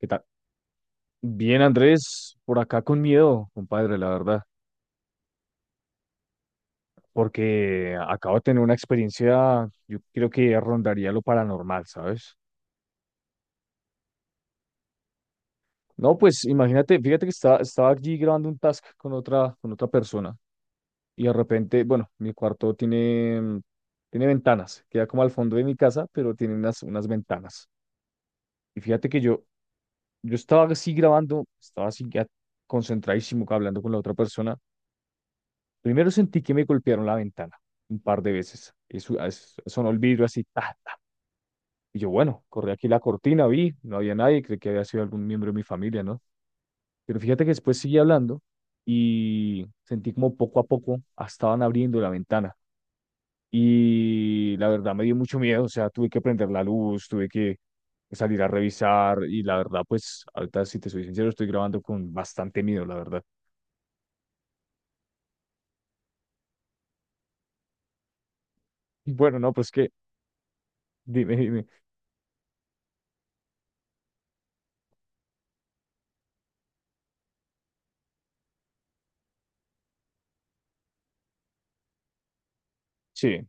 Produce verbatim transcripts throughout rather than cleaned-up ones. ¿Qué tal? Bien, Andrés, por acá con miedo, compadre, la verdad, porque acabo de tener una experiencia, yo creo que rondaría lo paranormal, ¿sabes? No, pues imagínate, fíjate que estaba, estaba allí grabando un task con otra, con otra persona y de repente, bueno, mi cuarto tiene, mm, tiene ventanas, queda como al fondo de mi casa, pero tiene unas, unas ventanas. Y fíjate que yo, yo estaba así grabando, estaba así ya concentradísimo hablando con la otra persona. Primero sentí que me golpearon la ventana un par de veces. Eso, as- sonó el vidrio así, ta, ta. Y yo, bueno, corrí aquí la cortina, vi, no había nadie, creí que había sido algún miembro de mi familia, ¿no? Pero fíjate que después seguí hablando y sentí como poco a poco ah, estaban abriendo la ventana. Y la verdad me dio mucho miedo, o sea, tuve que prender la luz, tuve que salir a revisar y la verdad, pues, ahorita si te soy sincero, estoy grabando con bastante miedo, la verdad. Y bueno, no, pues que, dime, dime. Sí,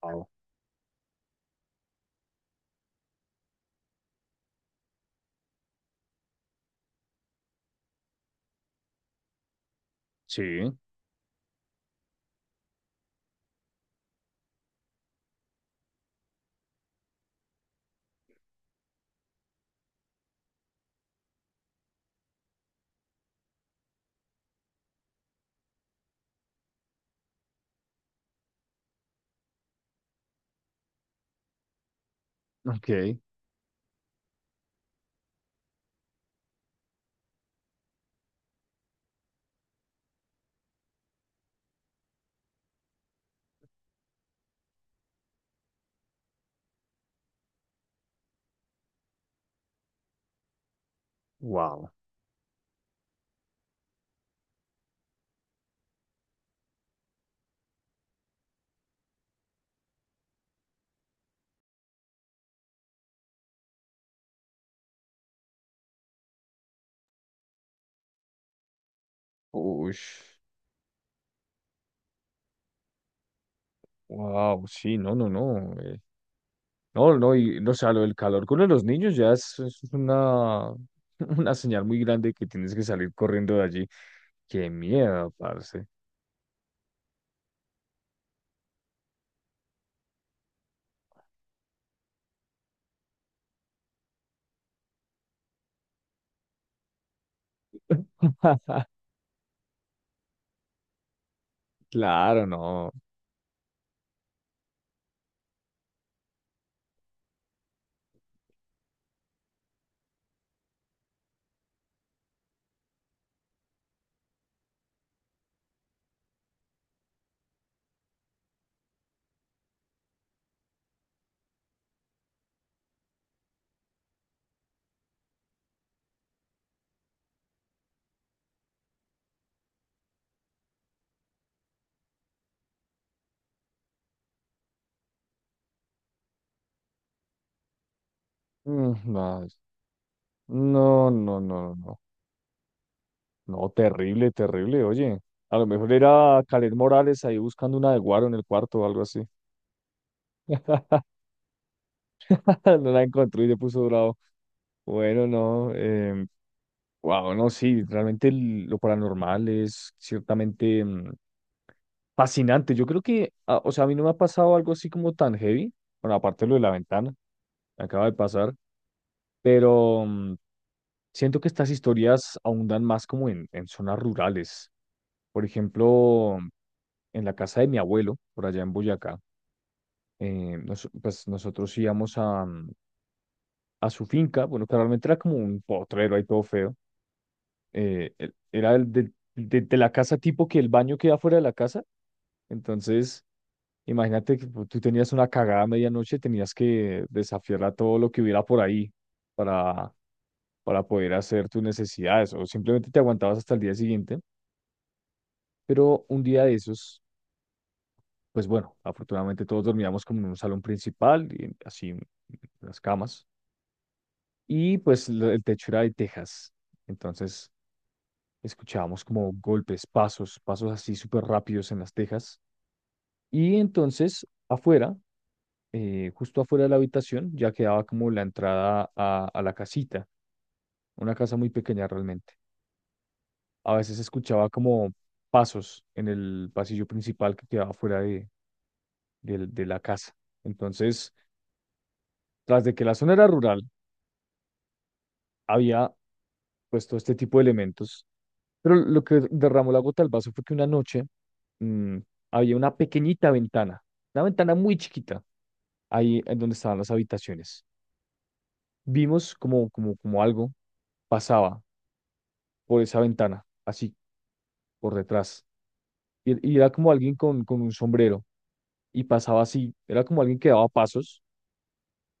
Pau, sí. Ok, wow. Uy, wow, sí, no, no, no. Eh, no, no, y no, o sea, lo del calor con los niños ya es, es una, una señal muy grande que tienes que salir corriendo de allí. Qué miedo, parce. Claro, no. Mm, no, no, no, no, no. No, terrible, terrible, oye. A lo mejor era Khaled Morales ahí buscando una de Guaro en el cuarto o algo así. No la encontró y le puso bravo. Bueno, no. em, Wow, no, sí, realmente el- lo paranormal es ciertamente mm, fascinante. Yo creo que, ah, o sea, a mí no me ha pasado algo así como tan heavy, bueno, aparte de lo de la ventana, me acaba de pasar, pero mm, siento que estas historias abundan más como en, en zonas rurales. Por ejemplo, en la casa de mi abuelo, por allá en Boyacá, eh, nos- pues nosotros íbamos a, mm, a su finca, bueno, que realmente era como un potrero ahí todo feo, eh, el- era el de, de de la casa tipo que el baño queda fuera de la casa. Entonces, imagínate que pu- tú tenías una cagada a medianoche, tenías que desafiar a todo lo que hubiera por ahí para, para poder hacer tus necesidades o simplemente te aguantabas hasta el día siguiente. Pero un día de esos, pues bueno, afortunadamente todos dormíamos como en un salón principal y en- así en las camas. Y pues la- el techo era de tejas. Entonces escuchábamos como golpes, pasos, pasos así súper rápidos en las tejas. Y entonces afuera eh, justo afuera de la habitación ya quedaba como la entrada a, a la casita, una casa muy pequeña realmente. A veces escuchaba como pasos en el pasillo principal que quedaba fuera de, del- de la casa. Entonces, tras de que la zona era rural, había pues todo este tipo de elementos. Pero lo que derramó la gota al vaso fue que una noche mm, había una pequeñita ventana, una ventana muy chiquita, ahí en donde estaban las habitaciones. Vimos como, como, como algo pasaba por esa ventana, así, por detrás. Y, y era como alguien con, con un sombrero y pasaba así, era como alguien que daba pasos,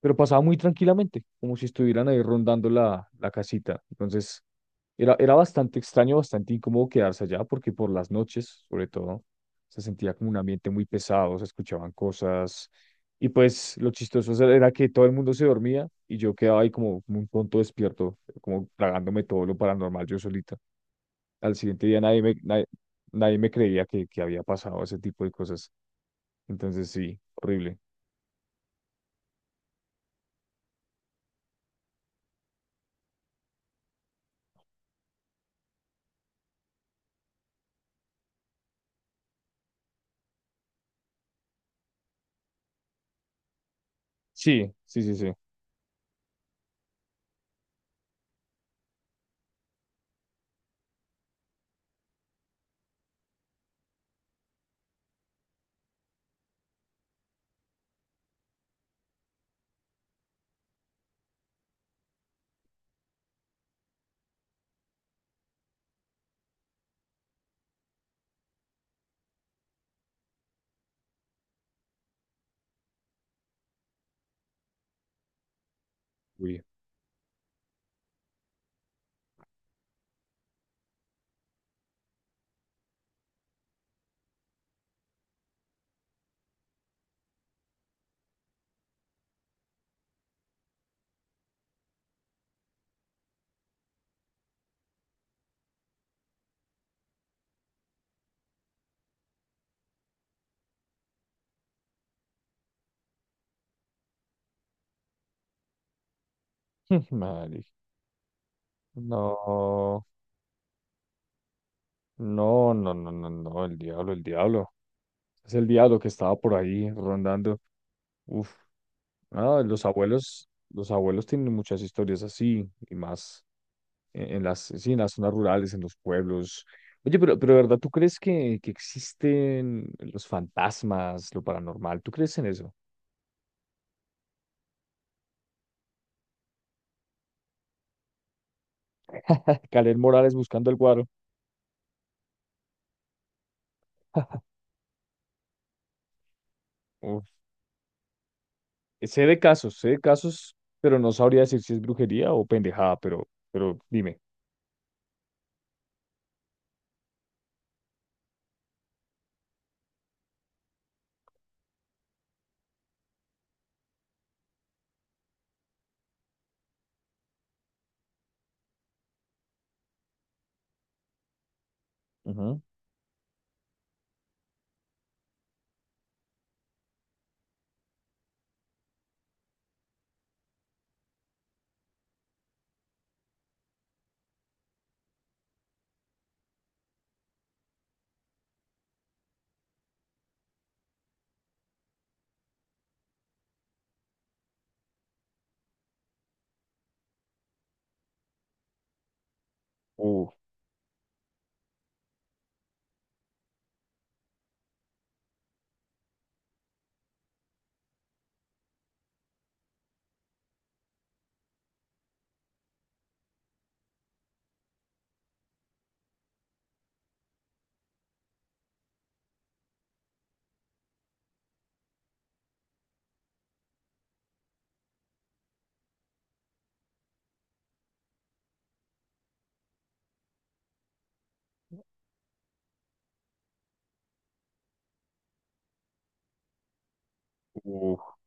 pero pasaba muy tranquilamente, como si estuvieran ahí rondando la, la casita. Entonces, era, era bastante extraño, bastante incómodo quedarse allá, porque por las noches, sobre todo, se sentía como un ambiente muy pesado, se escuchaban cosas. Y pues lo chistoso era era que todo el mundo se dormía y yo quedaba ahí como, como un tonto despierto, como tragándome todo lo paranormal yo solito. Al siguiente día nadie me, nadie, nadie me creía que, que había pasado ese tipo de cosas. Entonces sí, horrible. Sí, sí, sí, sí. Uy, madre. No, no, no, no, no, no, el diablo, el diablo. Es el diablo que estaba por ahí rondando. Uf, ah, los abuelos, los abuelos tienen muchas historias así y más en, en las, sí, en las zonas rurales, en los pueblos. Oye, pero, pero de ¿verdad? ¿Tú crees que, que existen los fantasmas, lo paranormal? ¿Tú crees en eso? Kaleth Morales buscando el guaro. Uf. Sé de casos, sé de casos, pero no sabría decir si es brujería o pendejada, pero, pero dime. Ujú. Uf, uf.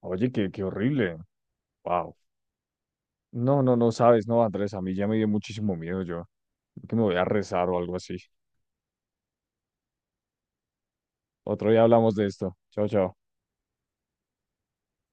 Oye, qué, qué horrible. Wow. No, no, no sabes, no, Andrés, a mí ya me dio muchísimo miedo yo. Creo que me voy a rezar o algo así. Otro día hablamos de esto. Chao, chao.